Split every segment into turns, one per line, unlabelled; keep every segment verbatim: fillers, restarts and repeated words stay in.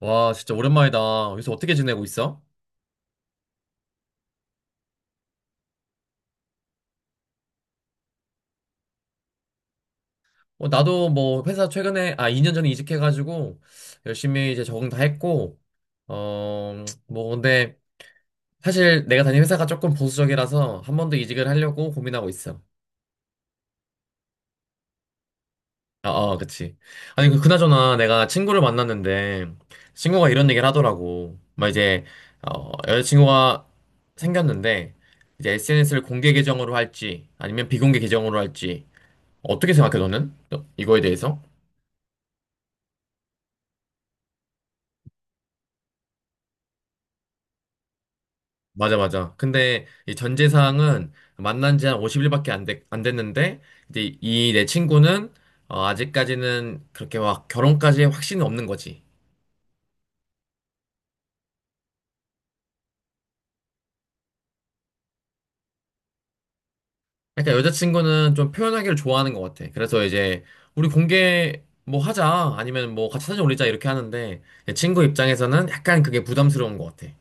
와, 진짜 오랜만이다. 요새 어떻게 지내고 있어? 어, 나도 뭐 회사 최근에, 아, 이 년 전에 이직해가지고 열심히 이제 적응 다 했고, 어, 뭐 근데 사실 내가 다니는 회사가 조금 보수적이라서 한 번 더 이직을 하려고 고민하고 있어. 아, 아, 그치. 아니, 그, 그나저나 내가 친구를 만났는데 친구가 이런 얘기를 하더라고. 막 이제, 어, 여자친구가 생겼는데 이제 에스엔에스를 공개 계정으로 할지 아니면 비공개 계정으로 할지 어떻게 생각해, 너는? 너- 이거에 대해서? 맞아, 맞아. 근데 이 전제사항은 만난 지 한 오십 일밖에 안 됐, 안 됐는데, 이제 이 내 친구는 어, 아직까지는 그렇게 막 결혼까지 확신이 없는 거지. 그러니까 여자친구는 좀 표현하기를 좋아하는 것 같아. 그래서 이제 우리 공개 뭐 하자, 아니면 뭐 같이 사진 올리자 이렇게 하는데, 내 친구 입장에서는 약간 그게 부담스러운 것 같아.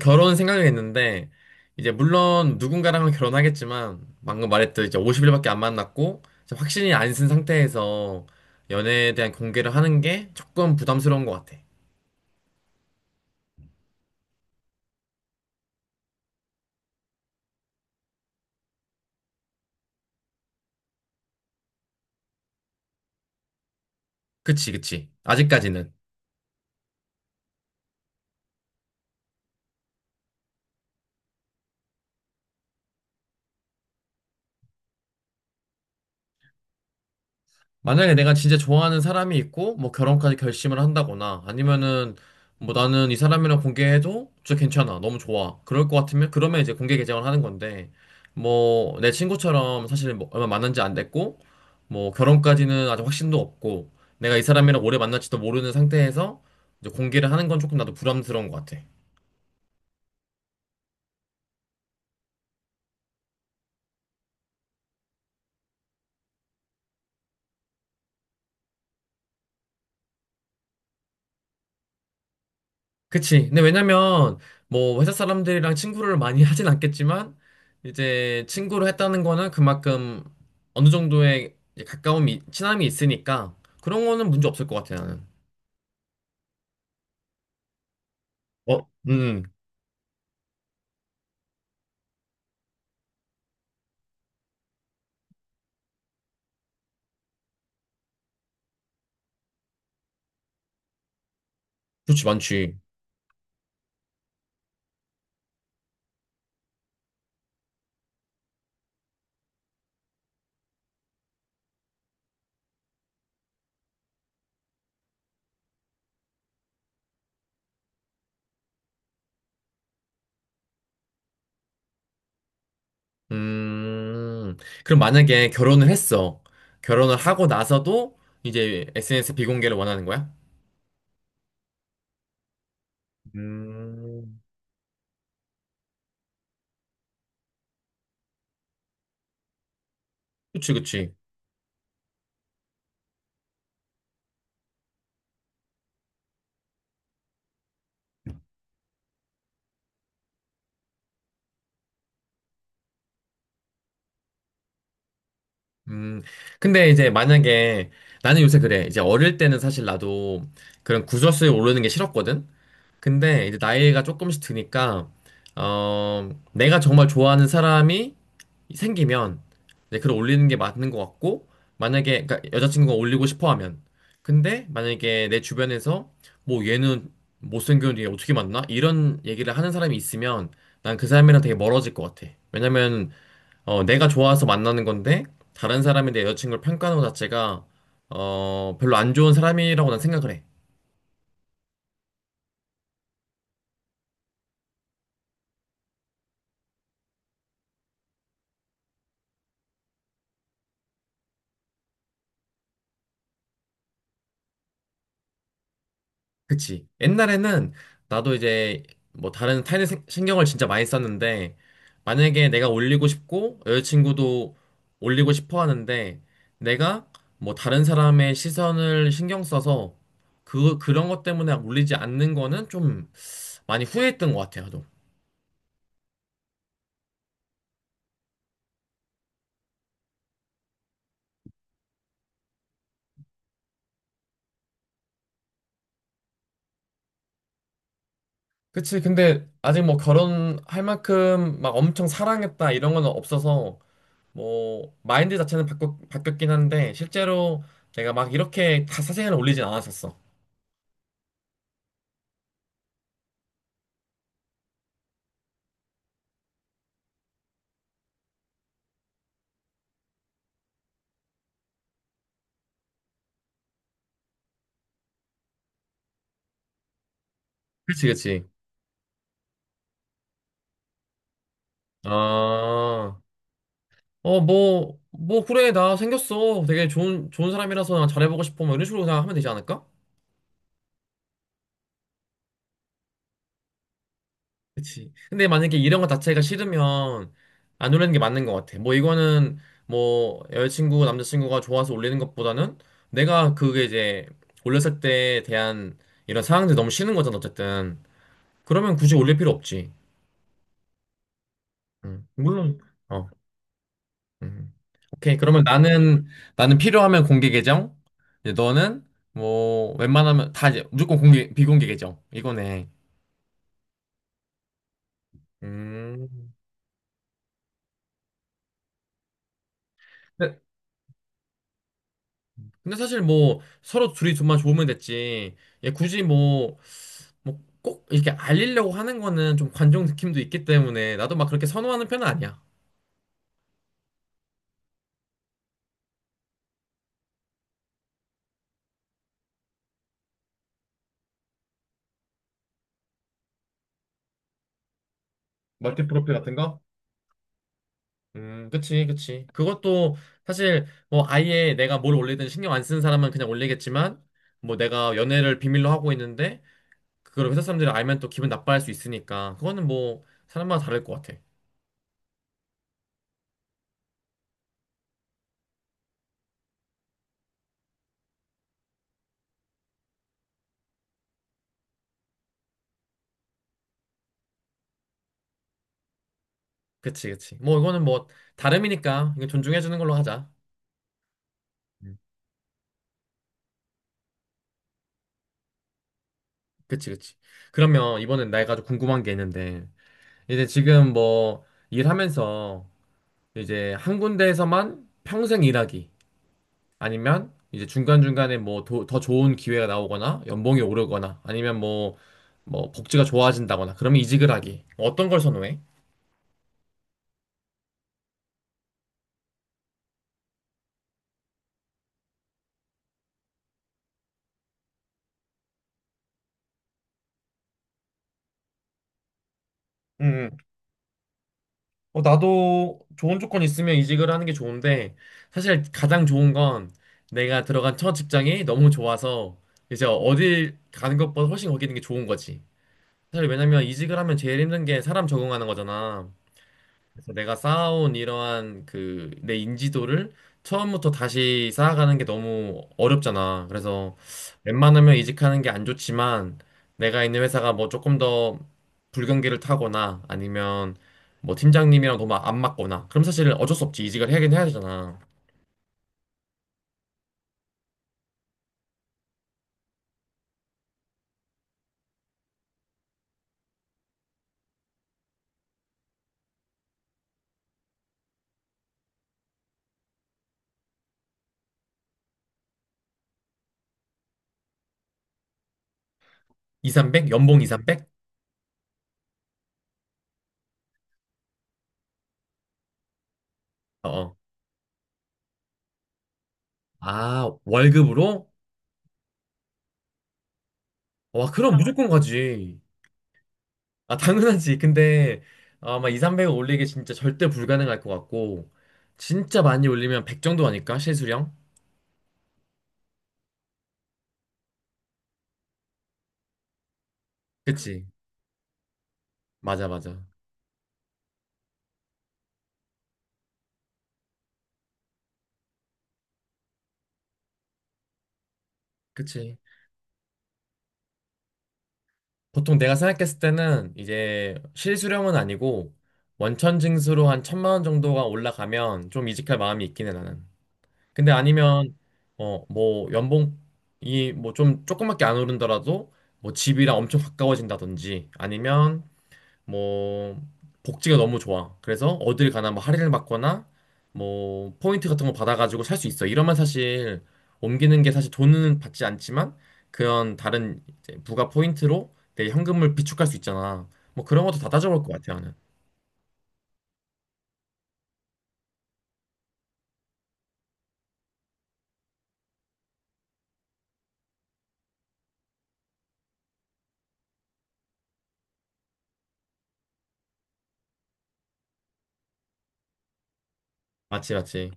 결혼 생각을 했는데, 이제 물론 누군가랑은 결혼하겠지만, 방금 말했듯 이제 오십 일밖에 안 만났고, 이제 확신이 안 쓴 상태에서 연애에 대한 공개를 하는 게 조금 부담스러운 것 같아. 그치, 그치. 아직까지는. 만약에 내가 진짜 좋아하는 사람이 있고, 뭐 결혼까지 결심을 한다거나, 아니면은, 뭐 나는 이 사람이랑 공개해도 진짜 괜찮아. 너무 좋아. 그럴 것 같으면, 그러면 이제 공개 계정을 하는 건데, 뭐, 내 친구처럼 사실 뭐 얼마 만난 지 안 됐고, 뭐 결혼까지는 아직 확신도 없고, 내가 이 사람이랑 오래 만날지도 모르는 상태에서 이제 공개를 하는 건 조금 나도 부담스러운 것 같아. 그치. 근데 왜냐면, 뭐, 회사 사람들이랑 친구를 많이 하진 않겠지만, 이제 친구를 했다는 거는 그만큼 어느 정도의 이제 가까움이, 친함이 있으니까, 그런 거는 문제 없을 것 같아, 나는. 어, 음, 그렇지, 많지. 음, 그럼 만약에 결혼을 했어. 결혼을 하고 나서도 이제 에스엔에스 비공개를 원하는 거야? 음, 그치, 그치. 음, 근데 이제 만약에 나는 요새 그래. 이제 어릴 때는 사실 나도 그런 구설수에 오르는 게 싫었거든? 근데 이제 나이가 조금씩 드니까, 어, 내가 정말 좋아하는 사람이 생기면 이제 글을 올리는 게 맞는 것 같고, 만약에, 그러니까 여자친구가 올리고 싶어 하면. 근데 만약에 내 주변에서 뭐 얘는 못생겼는데 얘 어떻게 만나? 이런 얘기를 하는 사람이 있으면 난 그 사람이랑 되게 멀어질 것 같아. 왜냐면 어, 내가 좋아서 만나는 건데 다른 사람이 내 여자친구를 평가하는 것 자체가 어, 별로 안 좋은 사람이라고 난 생각을 해. 그치? 옛날에는 나도 이제 뭐 다른 타인의 생- 신경을 진짜 많이 썼는데 만약에 내가 올리고 싶고 여자친구도 올리고 싶어 하는데 내가 뭐 다른 사람의 시선을 신경 써서 그 그런 것 때문에 올리지 않는 거는 좀 많이 후회했던 것 같아요. 그치. 근데 아직 뭐 결혼할 만큼 막 엄청 사랑했다 이런 건 없어서 뭐 마인드 자체는 바뀌, 바뀌었긴 한데 실제로 내가 막 이렇게 다 사진을 올리진 않았었어. 그치, 그치. 아, 어, 뭐, 뭐, 그래, 나 생겼어. 되게 좋은, 좋은 사람이라서 난 잘해보고 싶어. 뭐 이런 식으로 그냥 하면 되지 않을까? 그치. 근데 만약에 이런 거 자체가 싫으면 안 올리는 게 맞는 것 같아. 뭐 이거는 뭐 여자친구, 남자친구가 좋아서 올리는 것보다는 내가 그게 이제 올렸을 때에 대한 이런 상황들이 너무 싫은 거잖아, 어쨌든. 그러면 굳이 올릴 필요 없지. 음, 물론, 어, 음. 오케이. 그러면 나는, 나는 필요하면 공개 계정. 이제 너는 뭐 웬만하면 다 이제 무조건 공개, 비공개 계정. 이거네. 음. 근데 사실 뭐 서로 둘이 좀만 좋으면 됐지. 얘 굳이 뭐, 뭐 꼭 이렇게 알리려고 하는 거는 좀 관종 느낌도 있기 때문에 나도 막 그렇게 선호하는 편은 아니야. 멀티 프로필 같은 거? 음, 그치, 그치. 그것도 사실 뭐 아예 내가 뭘 올리든 신경 안 쓰는 사람은 그냥 올리겠지만 뭐 내가 연애를 비밀로 하고 있는데 그걸 회사 사람들이 알면 또 기분 나빠할 수 있으니까 그거는 뭐 사람마다 다를 것 같아. 그치, 그치. 뭐 이거는 뭐 다름이니까 이건 존중해주는 걸로 하자. 그치, 그치. 그러면 이번엔 내가 좀 궁금한 게 있는데, 이제 지금 뭐 일하면서 이제 한 군데에서만 평생 일하기, 아니면 이제 중간중간에 뭐 더 좋은 기회가 나오거나, 연봉이 오르거나, 아니면 뭐, 뭐 복지가 좋아진다거나, 그러면 이직을 하기. 어떤 걸 선호해? 음, 어, 나도 좋은 조건 있으면 이직을 하는 게 좋은데, 사실 가장 좋은 건 내가 들어간 첫 직장이 너무 좋아서, 이제 어딜 가는 것보다 훨씬 거기 있는 게 좋은 거지. 사실 왜냐면 이직을 하면 제일 힘든 게 사람 적응하는 거잖아. 그래서 내가 쌓아온 이러한 그 내 인지도를 처음부터 다시 쌓아가는 게 너무 어렵잖아. 그래서 웬만하면 이직하는 게 안 좋지만 내가 있는 회사가 뭐 조금 더 불경기를 타거나 아니면 뭐 팀장님이랑 너무 안 맞거나 그럼 사실 어쩔 수 없지. 이직을 하긴 해야 되잖아. 이삼백? 연봉 이삼백? 어. 어. 아, 월급으로? 와, 그럼 어. 무조건 가지. 아, 당연하지. 근데 아마 이백, 삼백을 올리기 진짜 절대 불가능할 것 같고, 진짜 많이 올리면 백 정도 아닐까? 실수령? 그치. 맞아, 맞아. 그치. 보통 내가 생각했을 때는 이제 실수령은 아니고, 원천 징수로 한 천만 원 정도가 올라가면 좀 이직할 마음이 있긴 해, 나는. 근데 아니면, 어, 뭐, 연봉이 뭐 좀 조금밖에 안 오른더라도, 뭐 집이랑 엄청 가까워진다든지, 아니면 뭐 복지가 너무 좋아. 그래서 어딜 가나 뭐 할인을 받거나 뭐 포인트 같은 거 받아가지고 살 수 있어. 이러면 사실 옮기는 게 사실 돈은 받지 않지만 그런 다른 이제 부가 포인트로 내 현금을 비축할 수 있잖아. 뭐 그런 것도 다 따져볼 것 같아 나는. 맞지 맞지.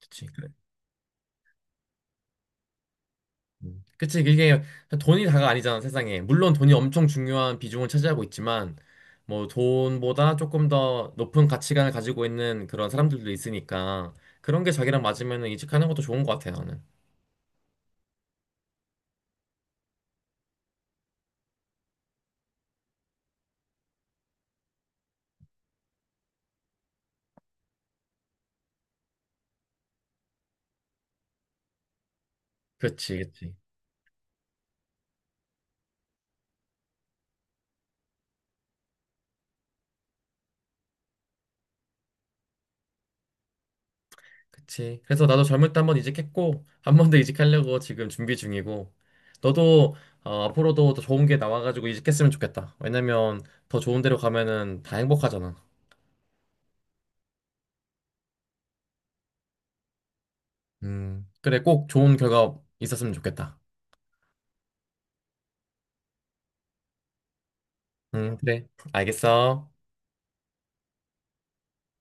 그치. 음. 그치, 그게 돈이 다가 아니잖아, 세상에. 물론 돈이 엄청 중요한 비중을 차지하고 있지만, 뭐 돈보다 조금 더 높은 가치관을 가지고 있는 그런 사람들도 있으니까, 그런 게 자기랑 맞으면 이직하는 것도 좋은 것 같아, 나는. 그치, 그치. 그치. 그래서 나도 젊을 때 한 번 이직했고, 한 번 더 이직하려고 지금 준비 중이고, 너도 어, 앞으로도 더 좋은 게 나와가지고 이직했으면 좋겠다. 왜냐면 더 좋은 데로 가면은 다 행복하잖아. 음, 그래, 꼭 좋은 결과 있었으면 좋겠다. 응, 그래. 알겠어.